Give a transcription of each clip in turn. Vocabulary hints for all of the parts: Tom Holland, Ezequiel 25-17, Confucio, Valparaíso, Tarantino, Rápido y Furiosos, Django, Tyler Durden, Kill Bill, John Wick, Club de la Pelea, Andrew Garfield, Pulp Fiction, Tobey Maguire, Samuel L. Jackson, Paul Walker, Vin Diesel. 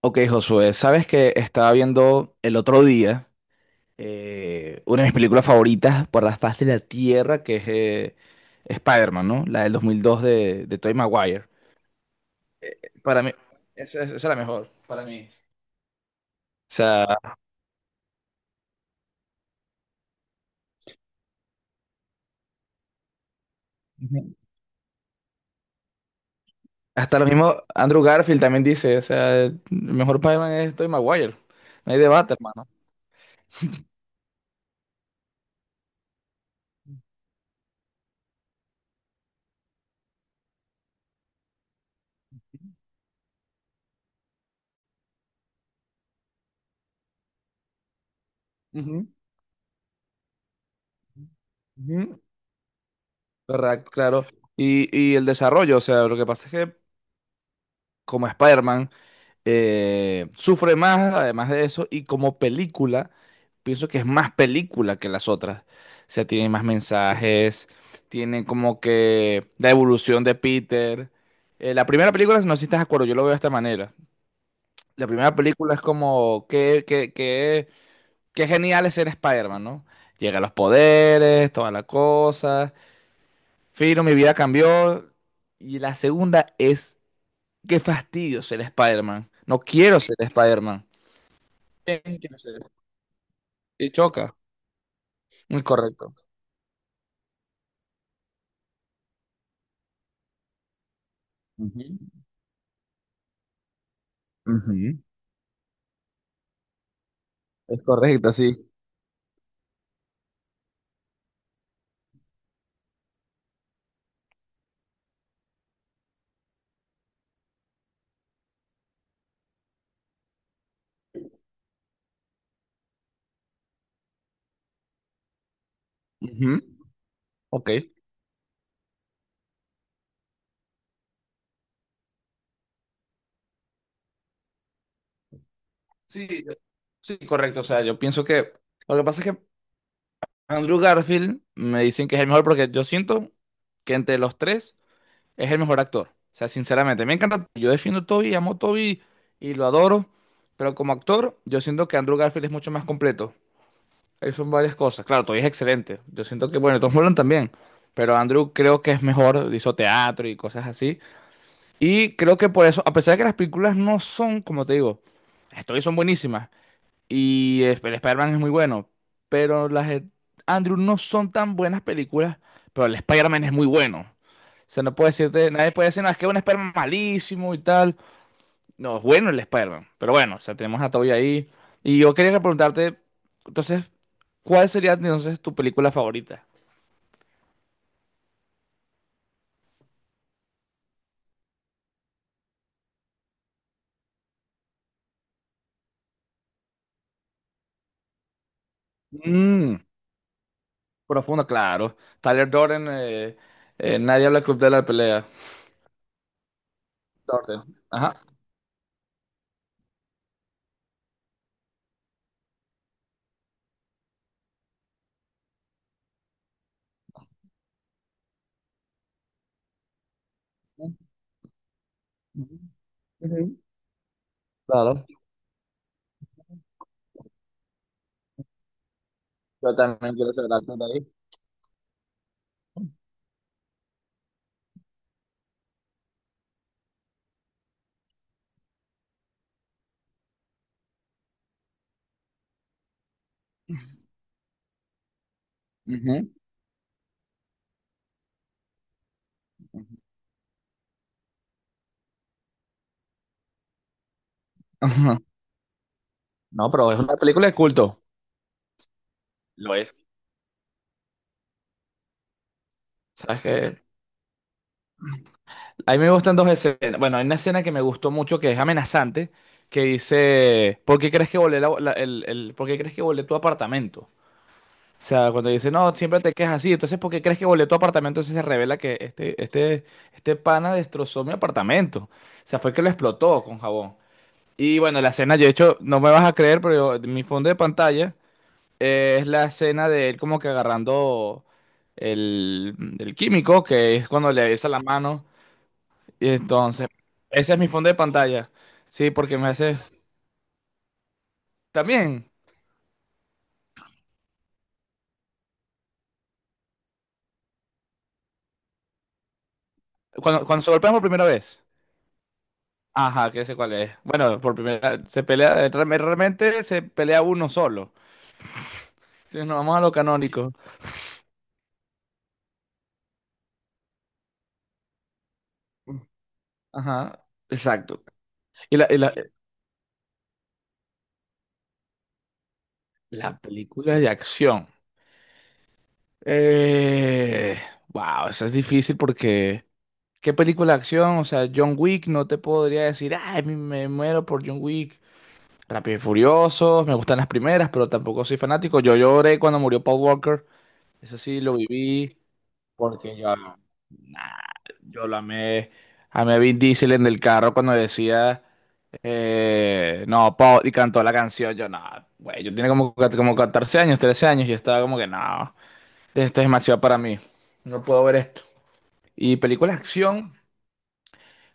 Ok, Josué, sabes que estaba viendo el otro día una de mis películas favoritas por la faz de la Tierra, que es Spider-Man, ¿no? La del 2002 de Tobey Maguire. Para mí, esa es la mejor, para mí. O sea, ujú. Hasta lo mismo Andrew Garfield también dice, o sea, el mejor Spider-Man es Tobey Maguire. No hay debate, hermano. Ujú, ujú. Correcto, claro. Y el desarrollo, o sea, lo que pasa es que como Spider-Man sufre más además de eso y como película, pienso que es más película que las otras. O sea, tiene más mensajes, tiene como que la evolución de Peter. La primera película, si no sé si estás de acuerdo, yo lo veo de esta manera. La primera película es como que genial es ser Spider-Man, ¿no? Llega a los poderes, toda la cosa. Fino, mi vida cambió. Y la segunda es, qué fastidio ser Spider-Man. No quiero ser Spider-Man. Bien, quiere ser. Y choca. Muy correcto. Ujú, ujú. Es correcto, sí. Ujú. Ok. Sí, sí, correcto. O sea, yo pienso que lo que pasa es que Andrew Garfield me dicen que es el mejor porque yo siento que entre los tres es el mejor actor. O sea, sinceramente, me encanta. Yo defiendo a Toby, amo a Toby y lo adoro. Pero como actor, yo siento que Andrew Garfield es mucho más completo. Ahí son varias cosas. Claro, Toy es excelente. Yo siento que, bueno, Tom Holland también. Pero Andrew creo que es mejor, hizo teatro y cosas así. Y creo que por eso, a pesar de que las películas no son, como te digo, las de Toy son buenísimas. Y el Spider-Man es muy bueno. Pero las de Andrew no son tan buenas películas. Pero el Spider-Man es muy bueno. O sea, no puede decirte, nadie puede decir, no, es que es un Spider-Man malísimo y tal. No, es bueno el Spider-Man. Pero bueno, o sea, tenemos a Toby ahí. Y yo quería preguntarte, entonces, ¿cuál sería entonces tu película favorita? Mm, Profundo, claro. Tyler Durden, nadie habla del Club de la Pelea. Durden. Ajá. Ujú, ujú, claro. Yo también quiero ser actor de ahí. Ujú, ujú. No, pero es una película de culto. Lo es. ¿Sabes qué? A mí me gustan dos escenas. Bueno, hay una escena que me gustó mucho que es amenazante, que dice: ¿Por qué crees que volé? ¿Por qué crees que volé tu apartamento? O sea, cuando dice, no, siempre te quejas así, entonces, ¿por qué crees que volé tu apartamento? Entonces se revela que este pana destrozó mi apartamento. O sea, fue que lo explotó con jabón. Y bueno, la escena, yo de hecho, no me vas a creer, pero mi fondo de pantalla es la escena de él como que agarrando el, el químico, que es cuando le besa la mano. Y entonces, ese es mi fondo de pantalla. Sí, porque me hace. También, cuando se golpean por primera vez. Ajá, que sé cuál es. Bueno, por primera se pelea, realmente se pelea uno solo. Si nos vamos a lo canónico. Ajá, exacto. Y la, y la, la película de acción. Eh, wow, esa es difícil porque. ¿Qué película de acción? O sea, John Wick, no te podría decir, ay, me muero por John Wick. Rápido y Furiosos, me gustan las primeras, pero tampoco soy fanático. Yo lloré cuando murió Paul Walker, eso sí lo viví, porque yo, nah, yo lo amé, amé a Vin Diesel en el carro cuando decía, no, Paul, y cantó la canción, yo no, güey, yo tenía como 14 años, 13 años, y estaba como que no, esto es demasiado para mí, no puedo ver esto. Y películas de acción.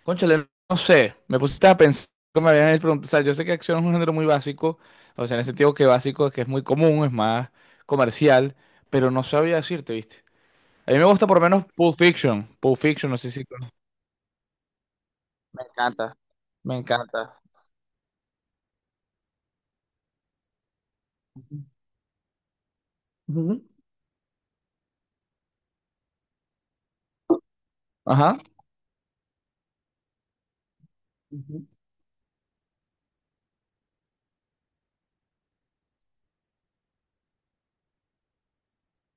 Cónchale, no sé, me pusiste a pensar, que me habían preguntado, o sea, yo sé que acción es un género muy básico, o sea, en el sentido que básico es que es muy común, es más comercial, pero no sabía decirte, ¿viste? A mí me gusta por lo menos Pulp Fiction, Pulp Fiction, no sé si... Me encanta, me encanta. Ujú. Ajá. Ujú.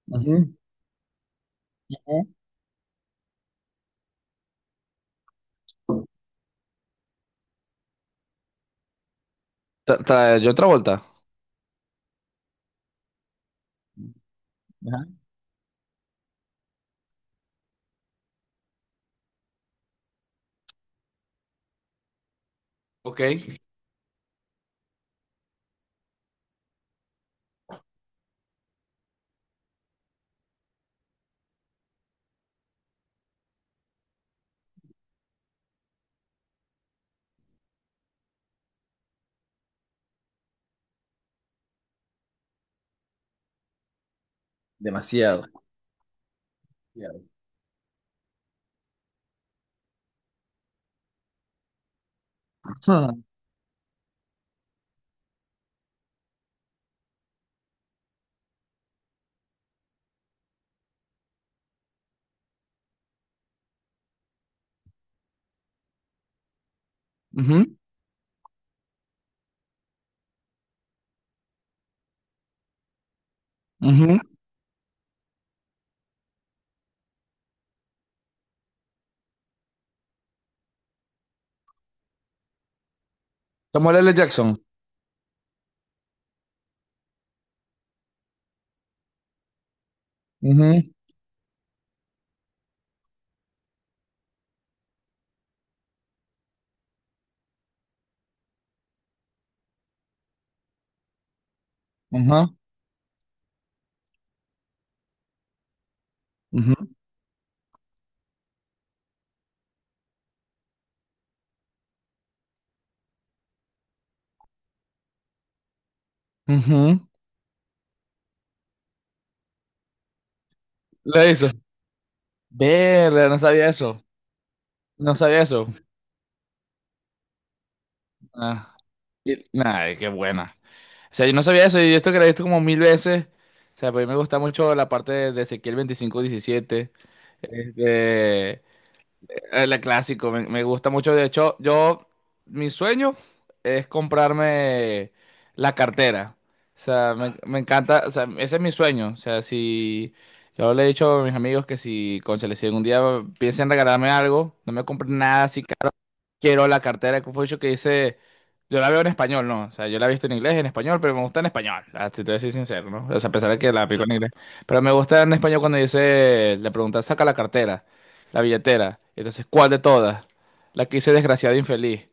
Ujú. Yo otra vuelta. Ajá. Ok. Ah. Ujú, ujú. Samuel L. Jackson. Ujú, ujú, ujú, ujú. La hizo. Verga, no sabía eso. No sabía eso. Ah, ay, qué buena. O sea, yo no sabía eso y esto que lo he visto como mil veces. O sea, pues a mí me gusta mucho la parte de Ezequiel 25:17. Este, el clásico, me gusta mucho. De hecho, yo, mi sueño es comprarme la cartera. O sea, me encanta, o sea, ese es mi sueño. O sea, si yo le he dicho a mis amigos que si, cónchale, si algún día piensan regalarme algo, no me compren nada así quiero la cartera de Confucio que dice, yo la veo en español, ¿no? O sea, yo la he visto en inglés, en español, pero me gusta en español, ah, si te voy a decir sincero, ¿no? O sea, a pesar de que la pico en inglés. Pero me gusta en español cuando dice, le pregunta, saca la cartera, la billetera. Entonces, ¿cuál de todas? La que dice desgraciado e infeliz.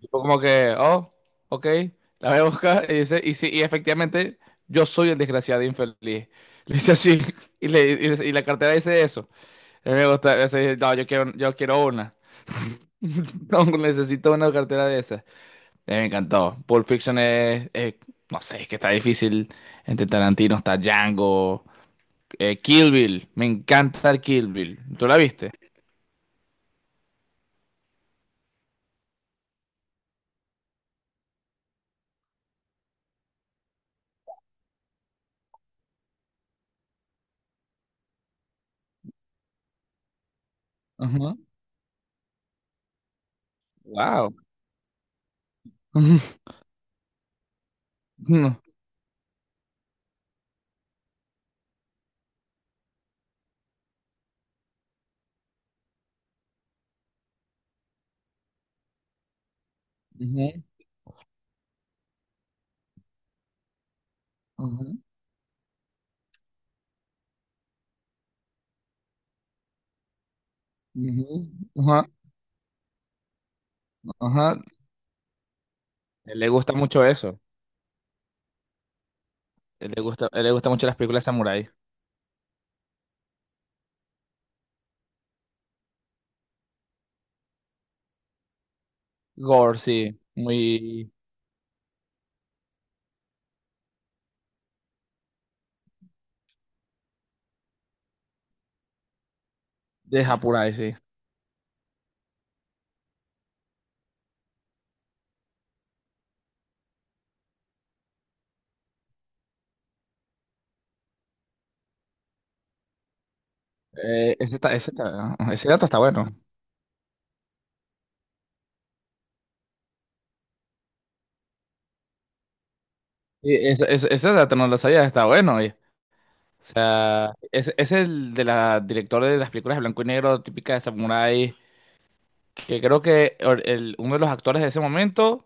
Y fue como que, oh, ok, la voy a buscar. Y dice, y sí, y efectivamente, yo soy el desgraciado e infeliz. Le dice así, y la cartera dice eso. A mí me gusta, eso dije, no, yo quiero, una. No, necesito una cartera de esas. Me encantó. Pulp Fiction es, no sé, es que está difícil. Entre Tarantino está Django. Kill Bill, me encanta el Kill Bill. ¿Tú la viste? Ajá. Wow. No. Ujú, ujú, ujú, ajá, ajá. A él le gusta mucho eso. A él le gusta mucho las películas de samurái. Gore, sí. Muy de Japurai, sí. Ese dato está bueno. Sí, ese dato no lo sabía, está bueno. Oye. O sea, es el de la directora de las películas de blanco y negro típica de samurái que creo que uno de los actores de ese momento,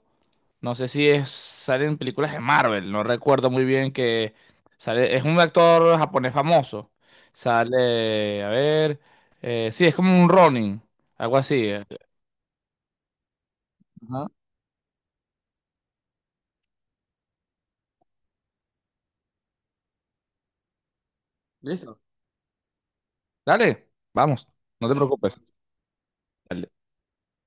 no sé si es, sale en películas de Marvel, no recuerdo muy bien que sale, es un actor japonés famoso. Sale, a ver, sí, es como un Ronin, algo así. Ajá, listo. Dale, vamos, no te preocupes.